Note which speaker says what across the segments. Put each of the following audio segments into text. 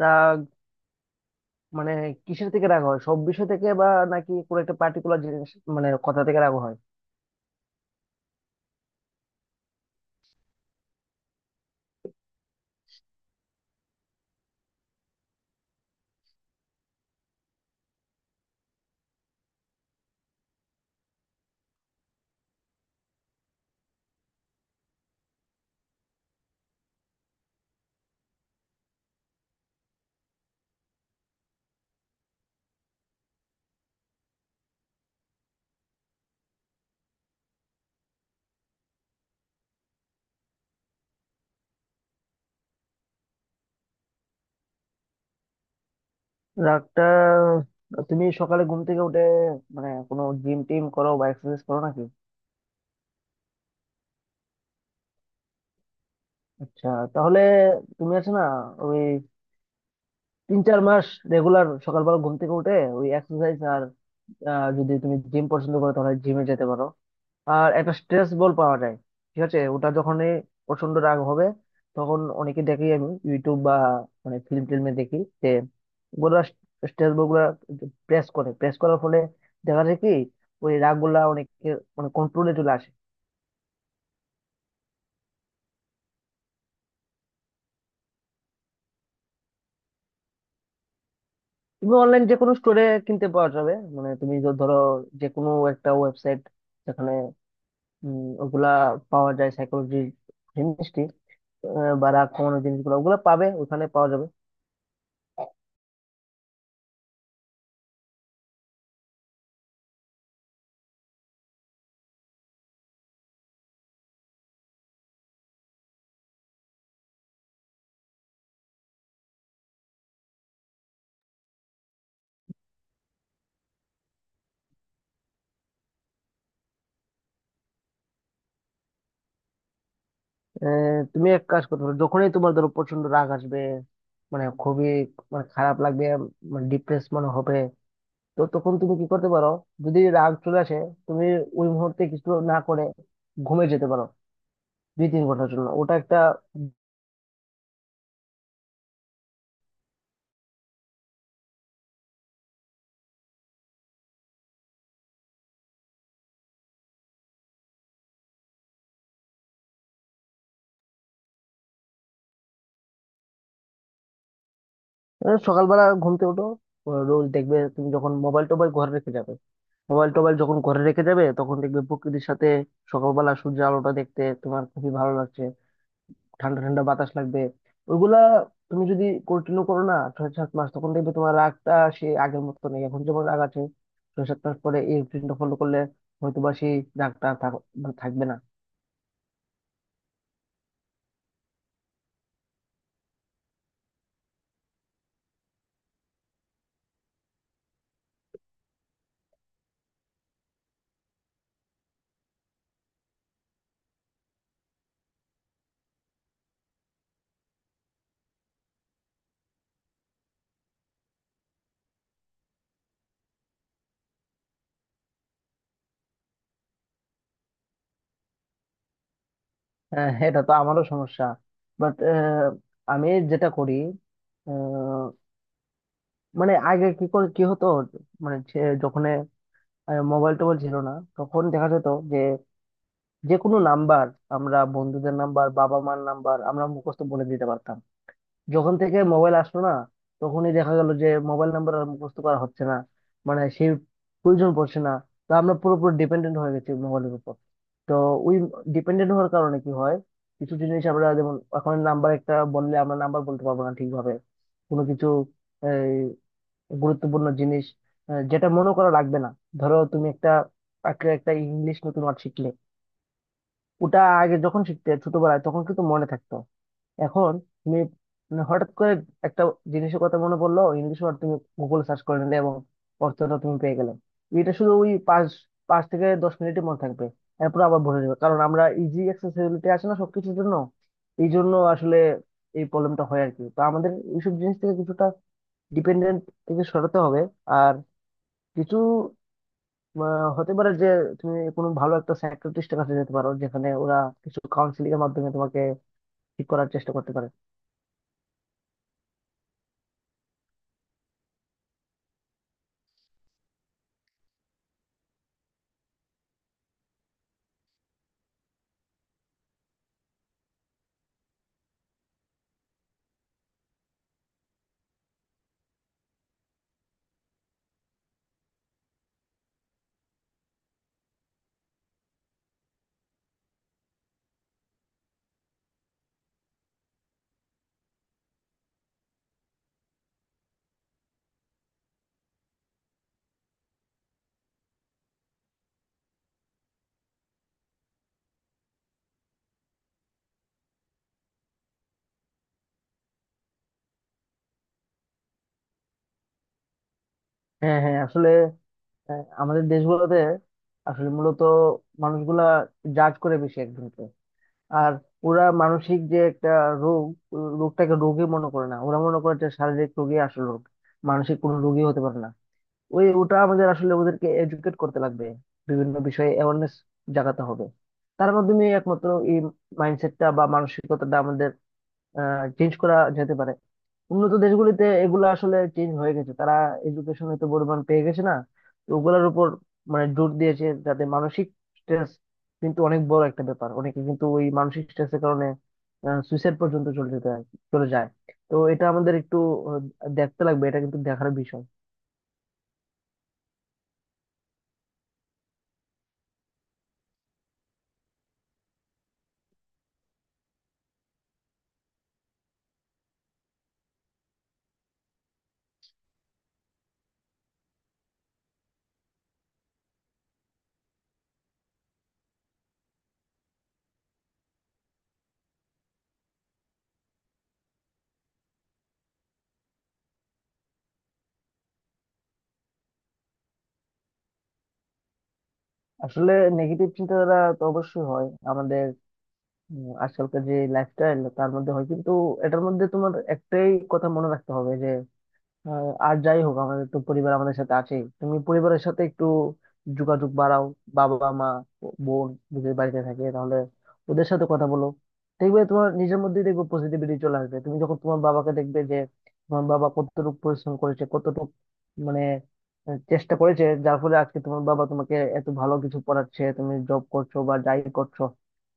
Speaker 1: রাগ মানে কিসের থেকে রাগ হয়? সব বিষয় থেকে বা নাকি কোনো একটা পার্টিকুলার জিনিস, মানে কথা থেকে রাগ হয়? রাগটা তুমি সকালে ঘুম থেকে উঠে মানে কোনো জিম টিম করো বা এক্সারসাইজ করো নাকি? আচ্ছা, তাহলে তুমি আছে না ওই 3-4 মাস রেগুলার সকালবেলা ঘুম থেকে উঠে ওই এক্সারসাইজ আর যদি তুমি জিম পছন্দ করো তাহলে জিমে যেতে পারো। আর একটা স্ট্রেস বল পাওয়া যায়, ঠিক আছে? ওটা যখনই প্রচন্ড রাগ হবে তখন অনেকে দেখি, আমি ইউটিউব বা মানে ফিল্ম টিল্মে দেখি যে ওগুলা স্ট্রেস বল গুলা প্রেস করে, প্রেস করার ফলে দেখা যায় কি ওই রাগ গুলা অনেকে মানে কন্ট্রোলে চলে আসে। তুমি অনলাইন যে কোনো স্টোরে কিনতে পাওয়া যাবে, মানে তুমি ধরো যে কোনো একটা ওয়েবসাইট যেখানে ওগুলা পাওয়া যায়, সাইকোলজি জিনিসটি, বা রাগ কমানোর জিনিসগুলো ওগুলো পাবে, ওখানে পাওয়া যাবে। আহ, তুমি এক কাজ করতে পারো, যখনই তোমার ধরো প্রচন্ড রাগ আসবে, মানে খুবই মানে খারাপ লাগবে, মানে ডিপ্রেস মনে হবে, তো তখন তুমি কি করতে পারো, যদি রাগ চলে আসে তুমি ওই মুহূর্তে কিছু না করে ঘুমে যেতে পারো 2-3 ঘন্টার জন্য। ওটা একটা। সকালবেলা ঘুমতে ওঠো রোজ, দেখবে তুমি যখন মোবাইল টোবাইল ঘরে রেখে যাবে, মোবাইল টোবাইল যখন ঘরে রেখে যাবে তখন দেখবে প্রকৃতির সাথে সকালবেলা সূর্যের আলোটা দেখতে তোমার খুবই ভালো লাগছে, ঠান্ডা ঠান্ডা বাতাস লাগবে। ওইগুলা তুমি যদি কন্টিনিউ করো না 6-7 মাস, তখন দেখবে তোমার রাগটা সে আগের মতো নেই। এখন যেমন রাগ আছে, 6-7 মাস পরে এই রুটিনটা ফলো করলে হয়তো বা সেই রাগটা আর থাক- মানে থাকবে না। হ্যাঁ, এটা তো আমারও সমস্যা। বাট আমি যেটা করি, আহ, মানে আগে কি করে কি হতো, মানে যখন মোবাইল টোবাইল ছিল না তখন দেখা যেত যে যে কোনো নাম্বার আমরা, বন্ধুদের নাম্বার, বাবা মার নাম্বার আমরা মুখস্থ বলে দিতে পারতাম। যখন থেকে মোবাইল আসলো না, তখনই দেখা গেল যে মোবাইল নাম্বার আর মুখস্থ করা হচ্ছে না, মানে সেই প্রয়োজন পড়ছে না। তো আমরা পুরোপুরি ডিপেন্ডেন্ট হয়ে গেছি মোবাইলের উপর। তো ওই ডিপেন্ডেন্ট হওয়ার কারণে কি হয়, কিছু জিনিস আমরা, যেমন এখন নাম্বার একটা বললে আমরা নাম্বার বলতে পারবো না ঠিকভাবে। কোনো কিছু এই গুরুত্বপূর্ণ জিনিস, যেটা মনে করা লাগবে না। ধরো তুমি একটা একটা ইংলিশ নতুন ওয়ার্ড শিখলে, ওটা আগে যখন শিখতে ছোটবেলায় তখন কিন্তু মনে থাকতো। এখন তুমি মানে হঠাৎ করে একটা জিনিসের কথা মনে পড়লো ইংলিশ ওয়ার্ড, তুমি গুগল সার্চ করে নিলে এবং অর্থটা তুমি পেয়ে গেলে, এটা শুধু ওই পাঁচ পাঁচ থেকে দশ মিনিটই মনে থাকবে, এরপর আবার ভুলে যাবে। কারণ আমরা ইজি অ্যাক্সেসিবিলিটি আছে না সবকিছুর জন্য, এই জন্য আসলে এই প্রবলেমটা হয় আর কি। তো আমাদের এইসব জিনিস থেকে কিছুটা ডিপেন্ডেন্ট থেকে সরাতে হবে। আর কিছু আহ, হতে পারে যে তুমি কোনো ভালো একটা সাইকিয়াট্রিস্টের কাছে যেতে পারো, যেখানে ওরা কিছু কাউন্সিলিং এর মাধ্যমে তোমাকে ঠিক করার চেষ্টা করতে পারে। হ্যাঁ, হ্যাঁ, আসলে হ্যাঁ, আমাদের দেশগুলোতে আসলে মূলত মানুষগুলা জাজ করে বেশি একজনকে। আর ওরা মানসিক যে একটা রোগ, ও রোগটাকে রোগী মনে করে না। ওরা মনে করে যে শারীরিক রোগী আসল রোগ, মানসিক কোনো রোগী হতে পারে না। ওই ওটা আমাদের আসলে ওদেরকে এডুকেট করতে লাগবে, বিভিন্ন বিষয়ে অ্যাওয়ারনেস জাগাতে হবে। তার মাধ্যমে একমাত্র এই মাইন্ডসেটটা বা মানসিকতাটা আমাদের চেঞ্জ করা যেতে পারে। উন্নত দেশগুলিতে এগুলো আসলে চেঞ্জ হয়ে গেছে, তারা এডুকেশনে তো পরিমাণ পেয়ে গেছে না, তো ওগুলোর উপর মানে জোর দিয়েছে। যাতে মানসিক স্ট্রেস কিন্তু অনেক বড় একটা ব্যাপার, অনেকে কিন্তু ওই মানসিক স্ট্রেসের কারণে সুইসাইড পর্যন্ত চলে যায়। তো এটা আমাদের একটু দেখতে লাগবে, এটা কিন্তু দেখার বিষয়। আসলে নেগেটিভ চিন্তাধারা তো অবশ্যই হয় আমাদের, আজকালকার যে লাইফস্টাইল তার মধ্যে হয় কিন্তু। এটার মধ্যে তোমার একটাই কথা মনে রাখতে হবে, আর আর যাই হোক আমাদের তো পরিবার আমাদের সাথে আছেই, তুমি পরিবারের সাথে একটু যোগাযোগ বাড়াও। বাবা, মা, বোন যদি বাড়িতে থাকে তাহলে ওদের সাথে কথা বলো, দেখবে তোমার নিজের মধ্যেই দেখবে পজিটিভিটি চলে আসবে। তুমি যখন তোমার বাবাকে দেখবে যে তোমার বাবা কতটুকু পরিশ্রম করেছে, কতটুকু মানে চেষ্টা করেছে যার ফলে আজকে তোমার বাবা তোমাকে এত ভালো কিছু পড়াচ্ছে, তুমি জব করছো বা যাই করছো,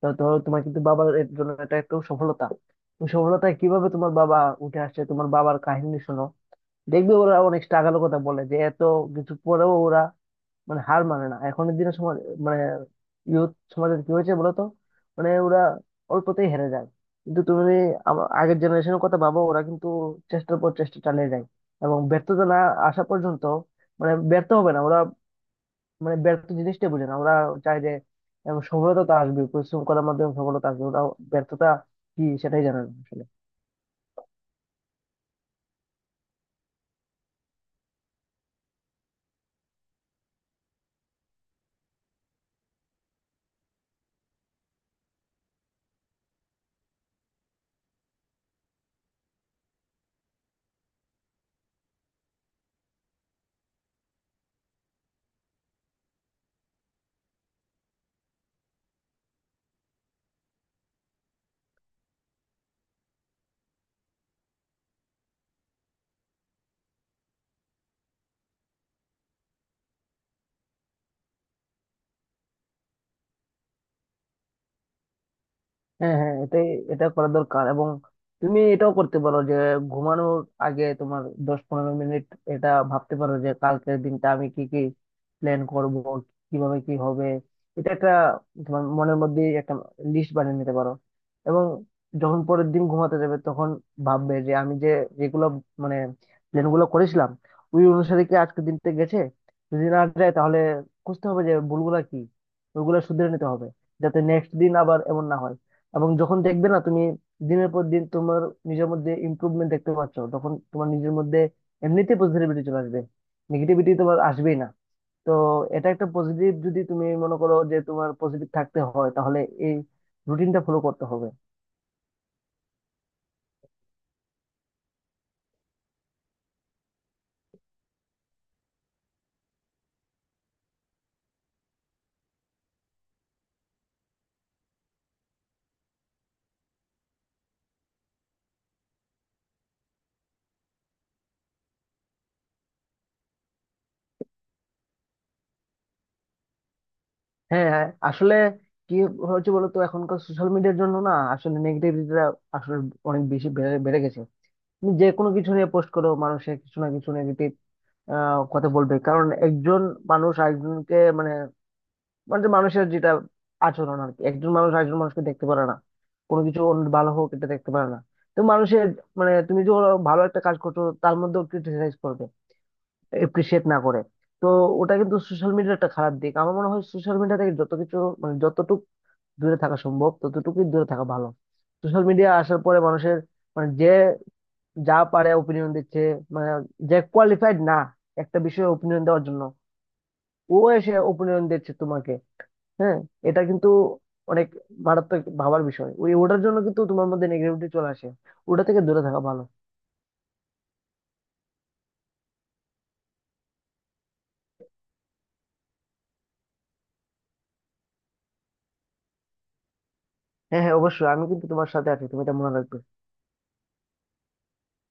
Speaker 1: তো ধরো তোমার কিন্তু বাবার এর জন্য এটা একটু সফলতা। ওই সফলতায় কিভাবে তোমার বাবা উঠে আসছে, তোমার বাবার কাহিনী শোনো, দেখবে ওরা অনেক স্ট্রাগলের কথা বলে যে এত কিছু পরেও ওরা মানে হার মানে না। এখনের দিনে সমাজ, মানে ইউথ সমাজের কি হয়েছে বলতো, মানে ওরা অল্পতেই হেরে যায়। কিন্তু তুমি যদি আগের জেনারেশনের কথা ভাবো, ওরা কিন্তু চেষ্টার পর চেষ্টা চালিয়ে যায় এবং ব্যর্থতা না আসা পর্যন্ত, মানে ব্যর্থ হবে না ওরা, মানে ব্যর্থ জিনিসটাই বোঝে না ওরা। চায় যে, এবং সফলতা তো আসবে, পরিশ্রম করার মাধ্যমে সফলতা আসবে, ওরা ব্যর্থতা কি সেটাই জানে না আসলে। হ্যাঁ, হ্যাঁ, এটাই এটা করা দরকার। এবং তুমি এটাও করতে পারো যে ঘুমানোর আগে তোমার 10-15 মিনিট এটা ভাবতে পারো যে কালকের দিনটা আমি কি কি প্ল্যান করব, কিভাবে কি হবে। এটা একটা তোমার মনের মধ্যে একটা লিস্ট বানিয়ে নিতে পারো। এবং যখন পরের দিন ঘুমাতে যাবে তখন ভাববে যে আমি যে যেগুলো মানে প্ল্যান গুলো করেছিলাম ওই অনুসারে কি আজকের দিনটা গেছে। যদি না যায় তাহলে বুঝতে হবে যে ভুলগুলা কি, ওইগুলো শুধরে নিতে হবে, যাতে নেক্সট দিন আবার এমন না হয়। এবং যখন দেখবে না তুমি দিনের পর দিন তোমার নিজের মধ্যে ইমপ্রুভমেন্ট দেখতে পাচ্ছ, তখন তোমার নিজের মধ্যে এমনিতে পজিটিভিটি চলে আসবে, নেগেটিভিটি তোমার আসবেই না। তো এটা একটা পজিটিভ, যদি তুমি মনে করো যে তোমার পজিটিভ থাকতে হয় তাহলে এই রুটিনটা ফলো করতে হবে। হ্যাঁ, হ্যাঁ, আসলে কি হচ্ছে বলতো, এখনকার সোশ্যাল মিডিয়ার জন্য না আসলে নেগেটিভিটিটা আসলে অনেক বেশি বেড়ে বেড়ে গেছে। তুমি যে কোনো কিছু নিয়ে পোস্ট করো, মানুষের কিছু না কিছু নেগেটিভ কথা বলবে। কারণ একজন মানুষ আরেকজনকে মানে, মানে যে মানুষের যেটা আচরণ আর কি, একজন মানুষ আরেকজন মানুষকে দেখতে পারে না, কোনো কিছু অন্য ভালো হোক এটা দেখতে পারে না। তো মানুষের মানে তুমি যে ওরা ভালো একটা কাজ করছো তার মধ্যেও ক্রিটিসাইজ করবে, এপ্রিসিয়েট না করে। তো ওটা কিন্তু সোশ্যাল মিডিয়ার একটা খারাপ দিক। আমার মনে হয় সোশ্যাল মিডিয়া থেকে যত কিছু মানে যতটুকু দূরে থাকা সম্ভব ততটুকুই দূরে থাকা ভালো। সোশ্যাল মিডিয়া আসার পরে মানুষের মানে যে যা পারে ওপিনিয়ন দিচ্ছে, মানে যে কোয়ালিফাইড না একটা বিষয়ে ওপিনিয়ন দেওয়ার জন্য, ও এসে ওপিনিয়ন দিচ্ছে তোমাকে। হ্যাঁ, এটা কিন্তু অনেক মারাত্মক ভাবার বিষয়। ওই ওটার জন্য কিন্তু তোমার মধ্যে নেগেটিভিটি চলে আসে, ওটা থেকে দূরে থাকা ভালো। হ্যাঁ, হ্যাঁ, অবশ্যই আমি কিন্তু তোমার সাথে আছি, তুমি এটা মনে রাখবে।